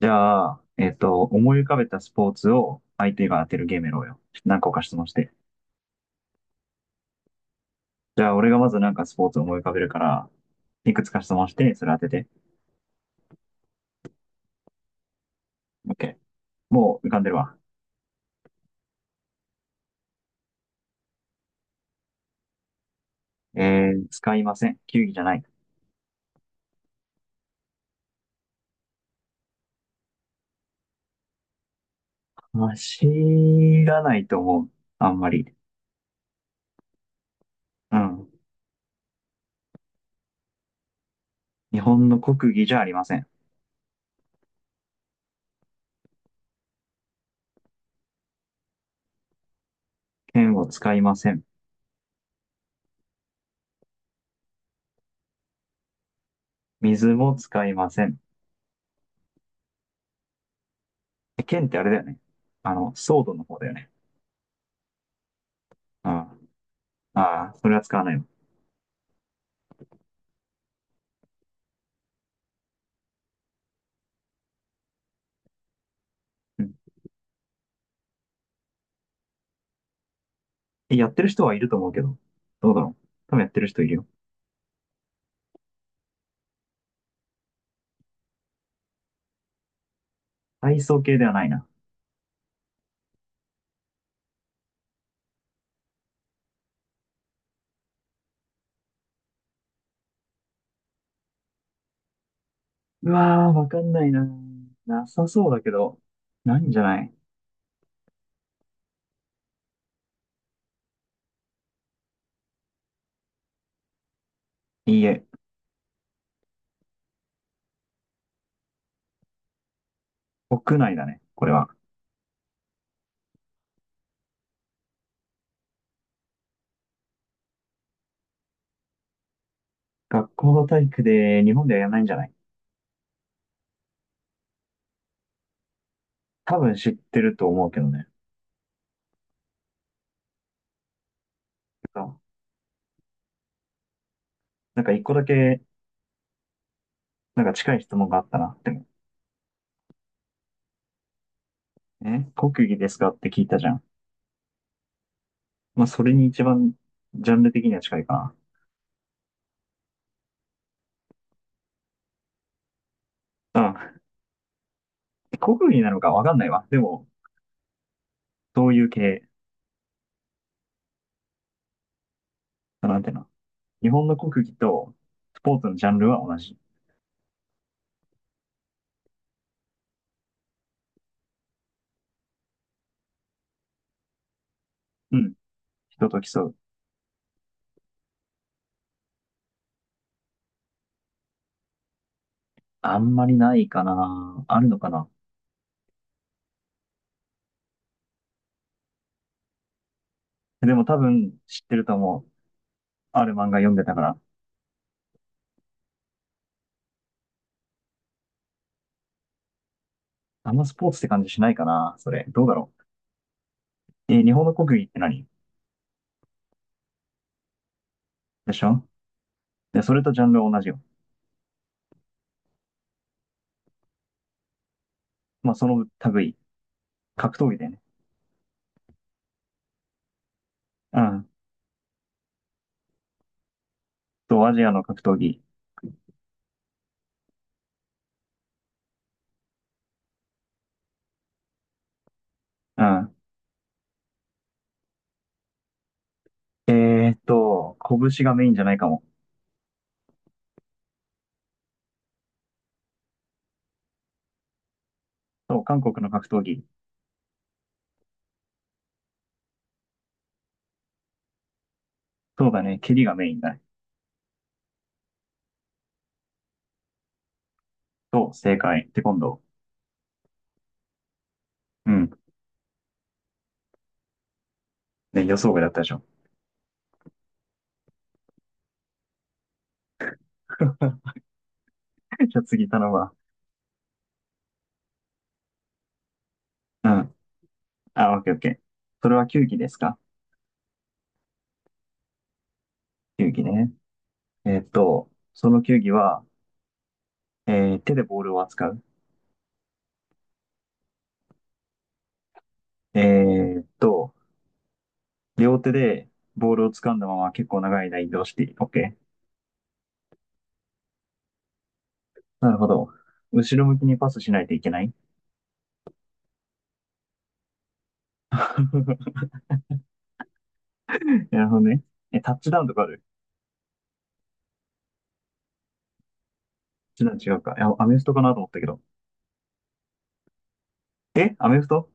じゃあ、思い浮かべたスポーツを相手が当てるゲームやろうよ。何個か質問して。じゃあ、俺がまずなんかスポーツを思い浮かべるから、いくつか質問して、それ当てて。OK。もう浮かんでるわ。使いません。球技じゃない。走らないと思う。あんまり。うん。日本の国技じゃありません。剣を使いません。水も使いません。剣ってあれだよね。ソードの方だよね。うん。ああ、それは使わないわ。うん。やってる人はいると思うけど。どうだろう。多分やってる人いるよ。体操系ではないな。うわー、わかんないな。なさそうだけど、ないんじゃない？いいえ、屋内だね、これは。学校の体育で日本ではやらないんじゃない？多分知ってると思うけどね。あなんか一個だけ、なんか近い質問があったな。でも、国技ですかって聞いたじゃん。まあ、それに一番、ジャンル的には近いかな。うん。国技なのかわかんないわ。でも、どういう系、なんていうの？日本の国技とスポーツのジャンルは同じ。うん。人と競う。あんまりないかな。あるのかな。でも多分知ってると思う。ある漫画読んでたから。あんまスポーツって感じしないかな。それ。どうだろう。日本の国技って何でしょ？で、それとジャンルは同じよ。まあ、その類。格闘技だよね。うん。と、アジアの格闘技。うん。えーっと、拳がメインじゃないかも。そう、韓国の格闘技。そうだね。蹴りがメインだね。そう、正解。テコンドー。うん。ね、予想外だったでしょ？じゃあ次頼むわ。うん。あ、オッケーオッケー。それは球技ですか？球技ね。その球技は、手でボールを扱う。えーっと、両手でボールを掴んだまま結構長い間移動して、オッケー。なるほど。後ろ向きにパスしないといけない？ なるほどね。タッチダウンとかある？タッチダウン違うか。いや、アメフトかなと思ったけど。アメフト？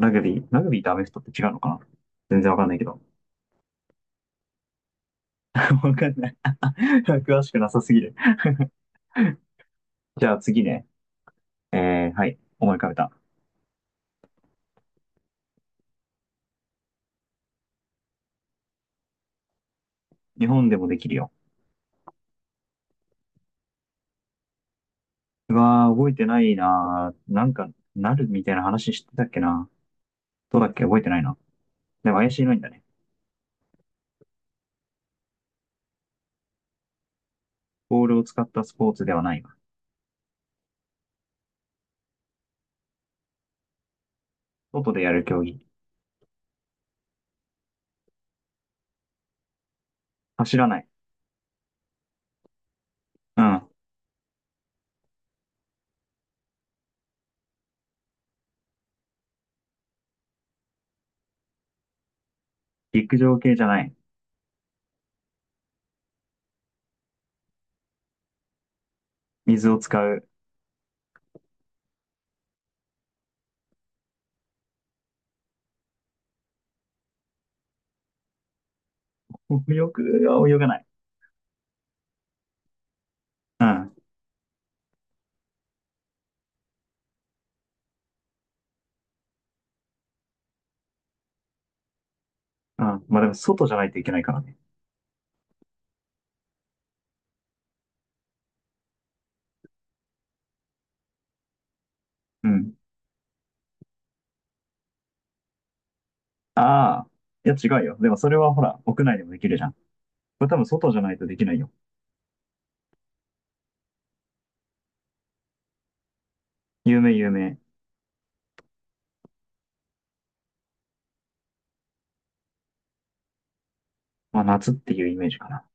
ラグビーとアメフトって違うのかな？全然わかんないけど。わかんない。詳しくなさすぎる。じゃあ次ね。えはい。思い浮かべた。日本でもできるよ。うわー、覚えてないなー。なんか、なるみたいな話してたっけな。どうだっけ覚えてないな。でも怪しいのにだね。ボールを使ったスポーツではないわ。外でやる競技。走らない。うん。陸上系じゃない。水を使う。泳泳がない。うん。うん。まあでも、外じゃないといけないからね。うん。ああ。いや、違うよ。でも、それはほら、屋内でもできるじゃん。これ多分、外じゃないとできないよ。有名、有名。まあ、夏っていうイメージかな。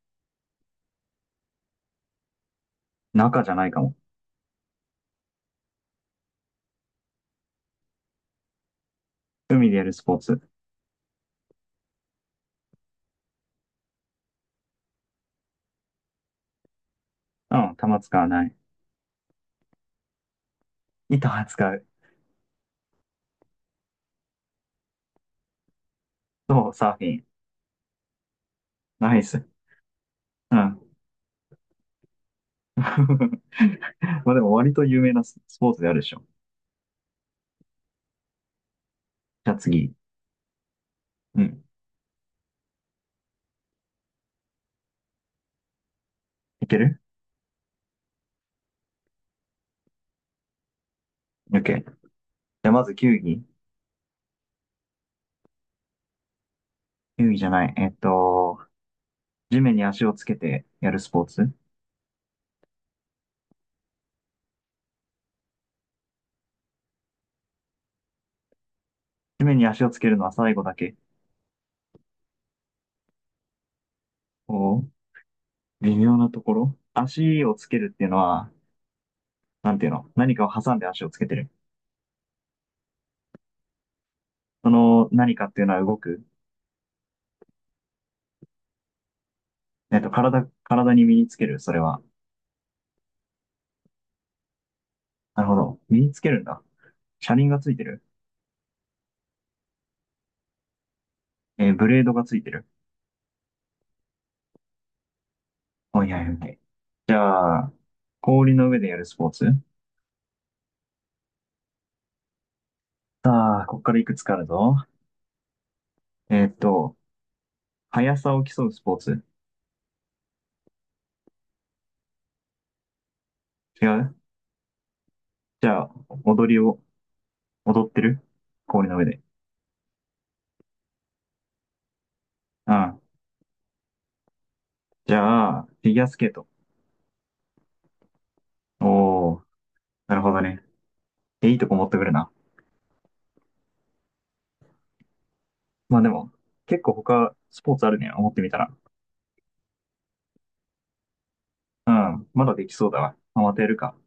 中じゃないかも。海でやるスポーツ。うん、球使わない。板は使う。そう、サーフィン。ナイス。うん。まあでも割と有名なスポーツであるでしょ？じゃあ次。うん。いける？ OK。じゃあまず球技？球技じゃない。地面に足をつけてやるスポーツ。地面に足をつけるのは最後だけ。おー、微妙なところ。足をつけるっていうのは、なんていうの？何かを挟んで足をつけてる。その何かっていうのは動く。体に身につける、それは。なるほど。身につけるんだ。車輪がついてる？ブレードがついてる？はいはいはい。じゃあ、氷の上でやるスポーツ？さあ、ここからいくつかあるぞ。えーっと、速さを競うスポーツ？違う？じゃあ、踊りを、踊ってる？氷の上で。うん。じゃあ、フィギュアスケート？おー、なるほどね。いいとこ持ってくるな。まあでも、結構他スポーツあるね。思ってみたら。うん。まだできそうだわ。まあ、またやるか。